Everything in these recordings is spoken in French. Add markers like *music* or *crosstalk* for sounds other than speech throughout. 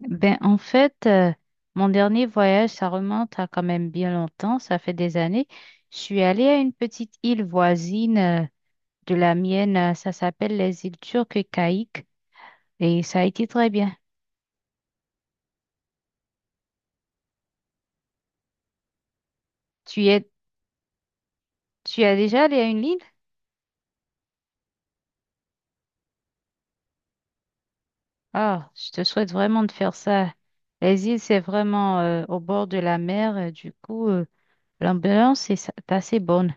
Ben, en fait, mon dernier voyage, ça remonte à quand même bien longtemps, ça fait des années. Je suis allée à une petite île voisine, de la mienne, ça s'appelle les îles Turques et Caïques, et ça a été très bien. Tu y es, tu as déjà allé à une île? Ah, je te souhaite vraiment de faire ça. Les îles, c'est vraiment au bord de la mer, du coup, l'ambiance est assez bonne.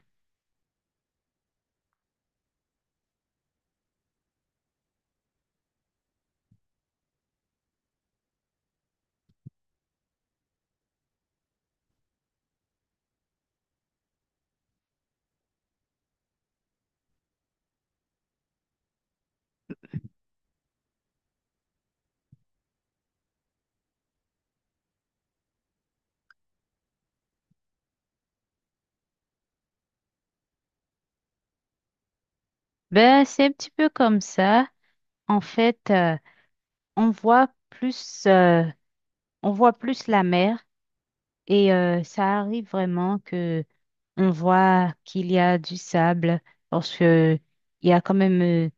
Ben, c'est un petit peu comme ça. En fait, on voit plus. euh, on voit plus la mer et ça arrive vraiment que on voit qu'il y a du sable parce que il y a quand même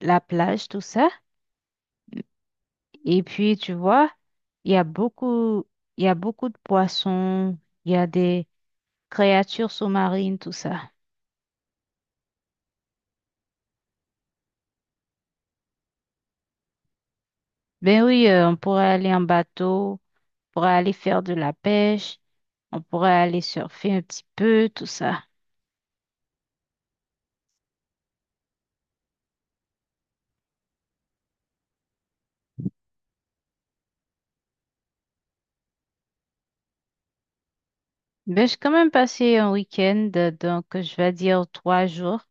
la plage, tout ça. Et puis tu vois, il y a beaucoup, il y a beaucoup de poissons, il y a des créatures sous-marines, tout ça. Ben oui, on pourrait aller en bateau, on pourrait aller faire de la pêche, on pourrait aller surfer un petit peu, tout ça. Ben, j'ai quand même passé un week-end, donc je vais dire 3 jours.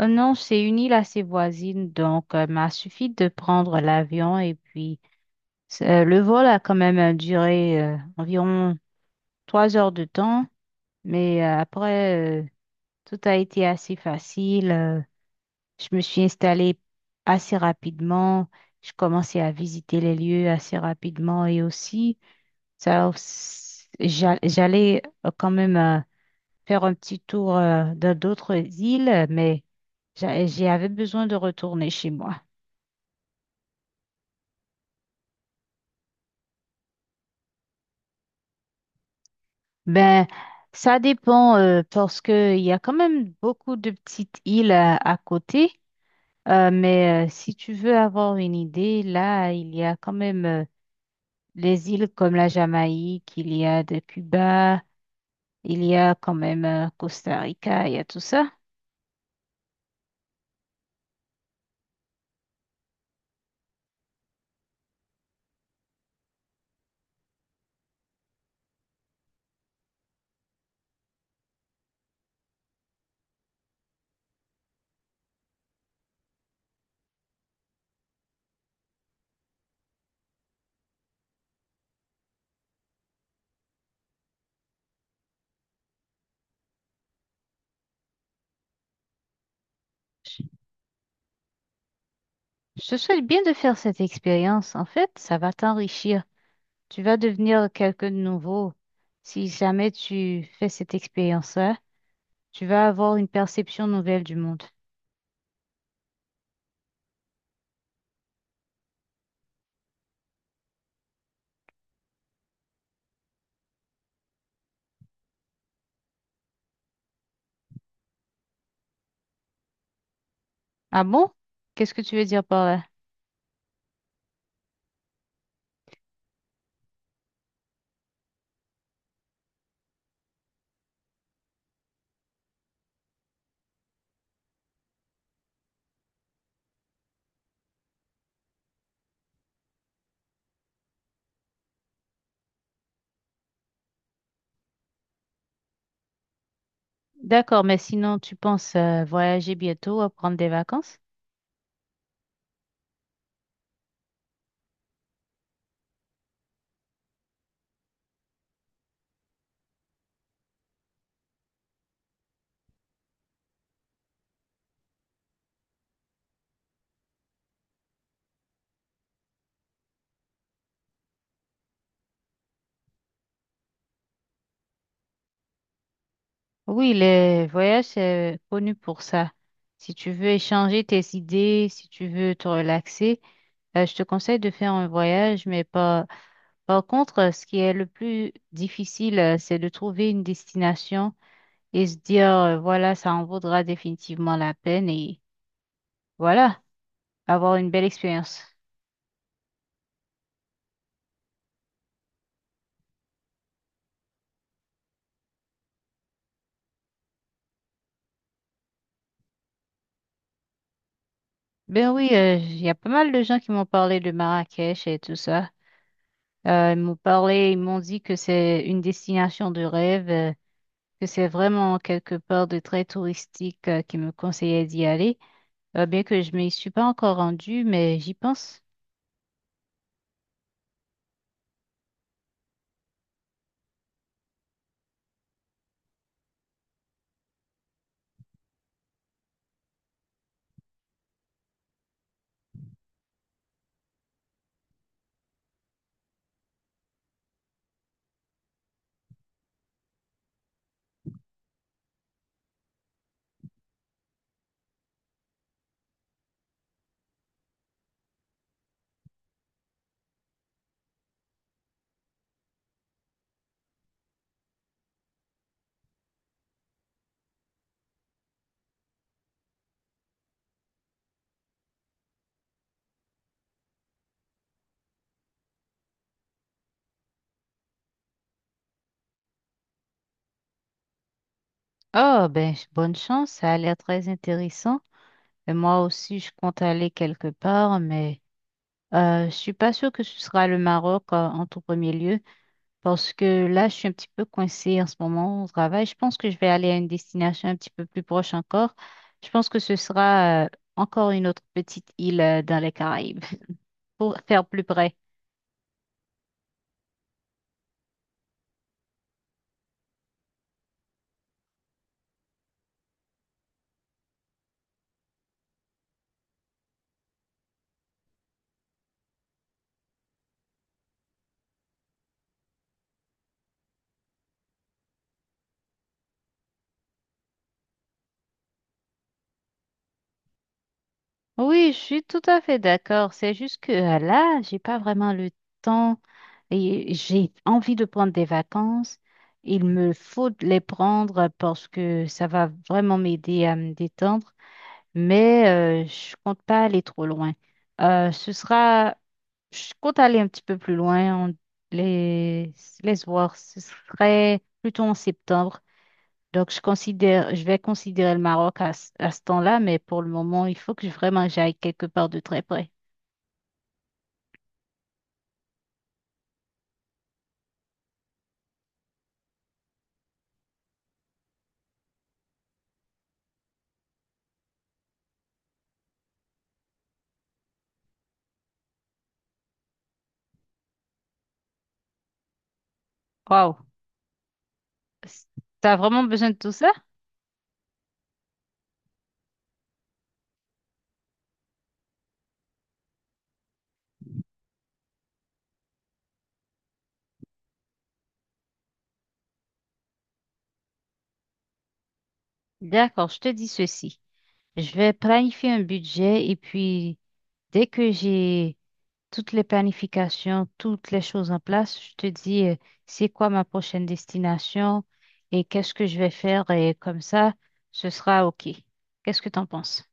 Non, c'est une île assez voisine, donc m'a suffi de prendre l'avion et puis le vol a quand même duré environ 3 heures de temps, mais après tout a été assez facile. Je me suis installée assez rapidement, je commençais à visiter les lieux assez rapidement et aussi j'allais quand même faire un petit tour dans d'autres îles, mais j'avais besoin de retourner chez moi. Ben, ça dépend, parce que il y a quand même beaucoup de petites îles à côté. Mais si tu veux avoir une idée, là, il y a quand même les îles comme la Jamaïque, il y a de Cuba, il y a quand même Costa Rica, il y a tout ça. Je je te souhaite bien de faire cette expérience. En fait, ça va t'enrichir. Tu vas devenir quelqu'un de nouveau. Si jamais tu fais cette expérience-là, tu vas avoir une perception nouvelle du monde. Ah bon? Qu'est-ce que tu veux dire par là? D'accord, mais sinon, tu penses voyager bientôt, prendre des vacances? Oui, les voyages, c'est connu pour ça. Si tu veux échanger tes idées, si tu veux te relaxer, je te conseille de faire un voyage, mais par contre, ce qui est le plus difficile, c'est de trouver une destination et se dire, voilà, ça en vaudra définitivement la peine et voilà, avoir une belle expérience. Ben oui, il y a pas mal de gens qui m'ont parlé de Marrakech et tout ça. Ils m'ont parlé, ils m'ont dit que c'est une destination de rêve, que c'est vraiment quelque part de très touristique, qui me conseillait d'y aller. Bien que je m'y suis pas encore rendue, mais j'y pense. Oh, ben, bonne chance, ça a l'air très intéressant. Et moi aussi, je compte aller quelque part, mais je suis pas sûre que ce sera le Maroc, en tout premier lieu. Parce que là, je suis un petit peu coincée en ce moment au travail. Je pense que je vais aller à une destination un petit peu plus proche encore. Je pense que ce sera encore une autre petite île dans les Caraïbes *laughs* pour faire plus près. Oui, je suis tout à fait d'accord. C'est juste que là, j'ai pas vraiment le temps et j'ai envie de prendre des vacances. Il me faut de les prendre parce que ça va vraiment m'aider à me détendre, mais je compte pas aller trop loin. Ce sera Je compte aller un petit peu plus loin, on les, les voir, ce serait plutôt en septembre. Donc, je considère, je vais considérer le Maroc à ce temps-là, mais pour le moment, il faut que vraiment j'aille quelque part de très près. Waouh! S- T'as vraiment besoin de tout ça? D'accord, je te dis ceci. Je vais planifier un budget et puis dès que j'ai toutes les planifications, toutes les choses en place. Je te dis, c'est quoi ma prochaine destination et qu'est-ce que je vais faire et comme ça, ce sera OK. Qu'est-ce que tu en penses?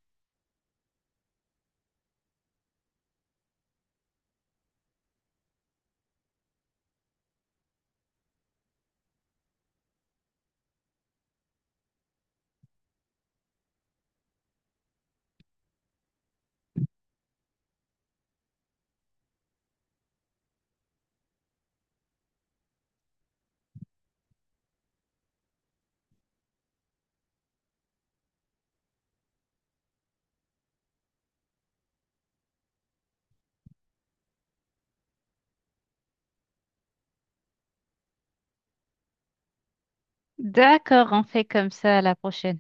D'accord, on fait comme ça à la prochaine.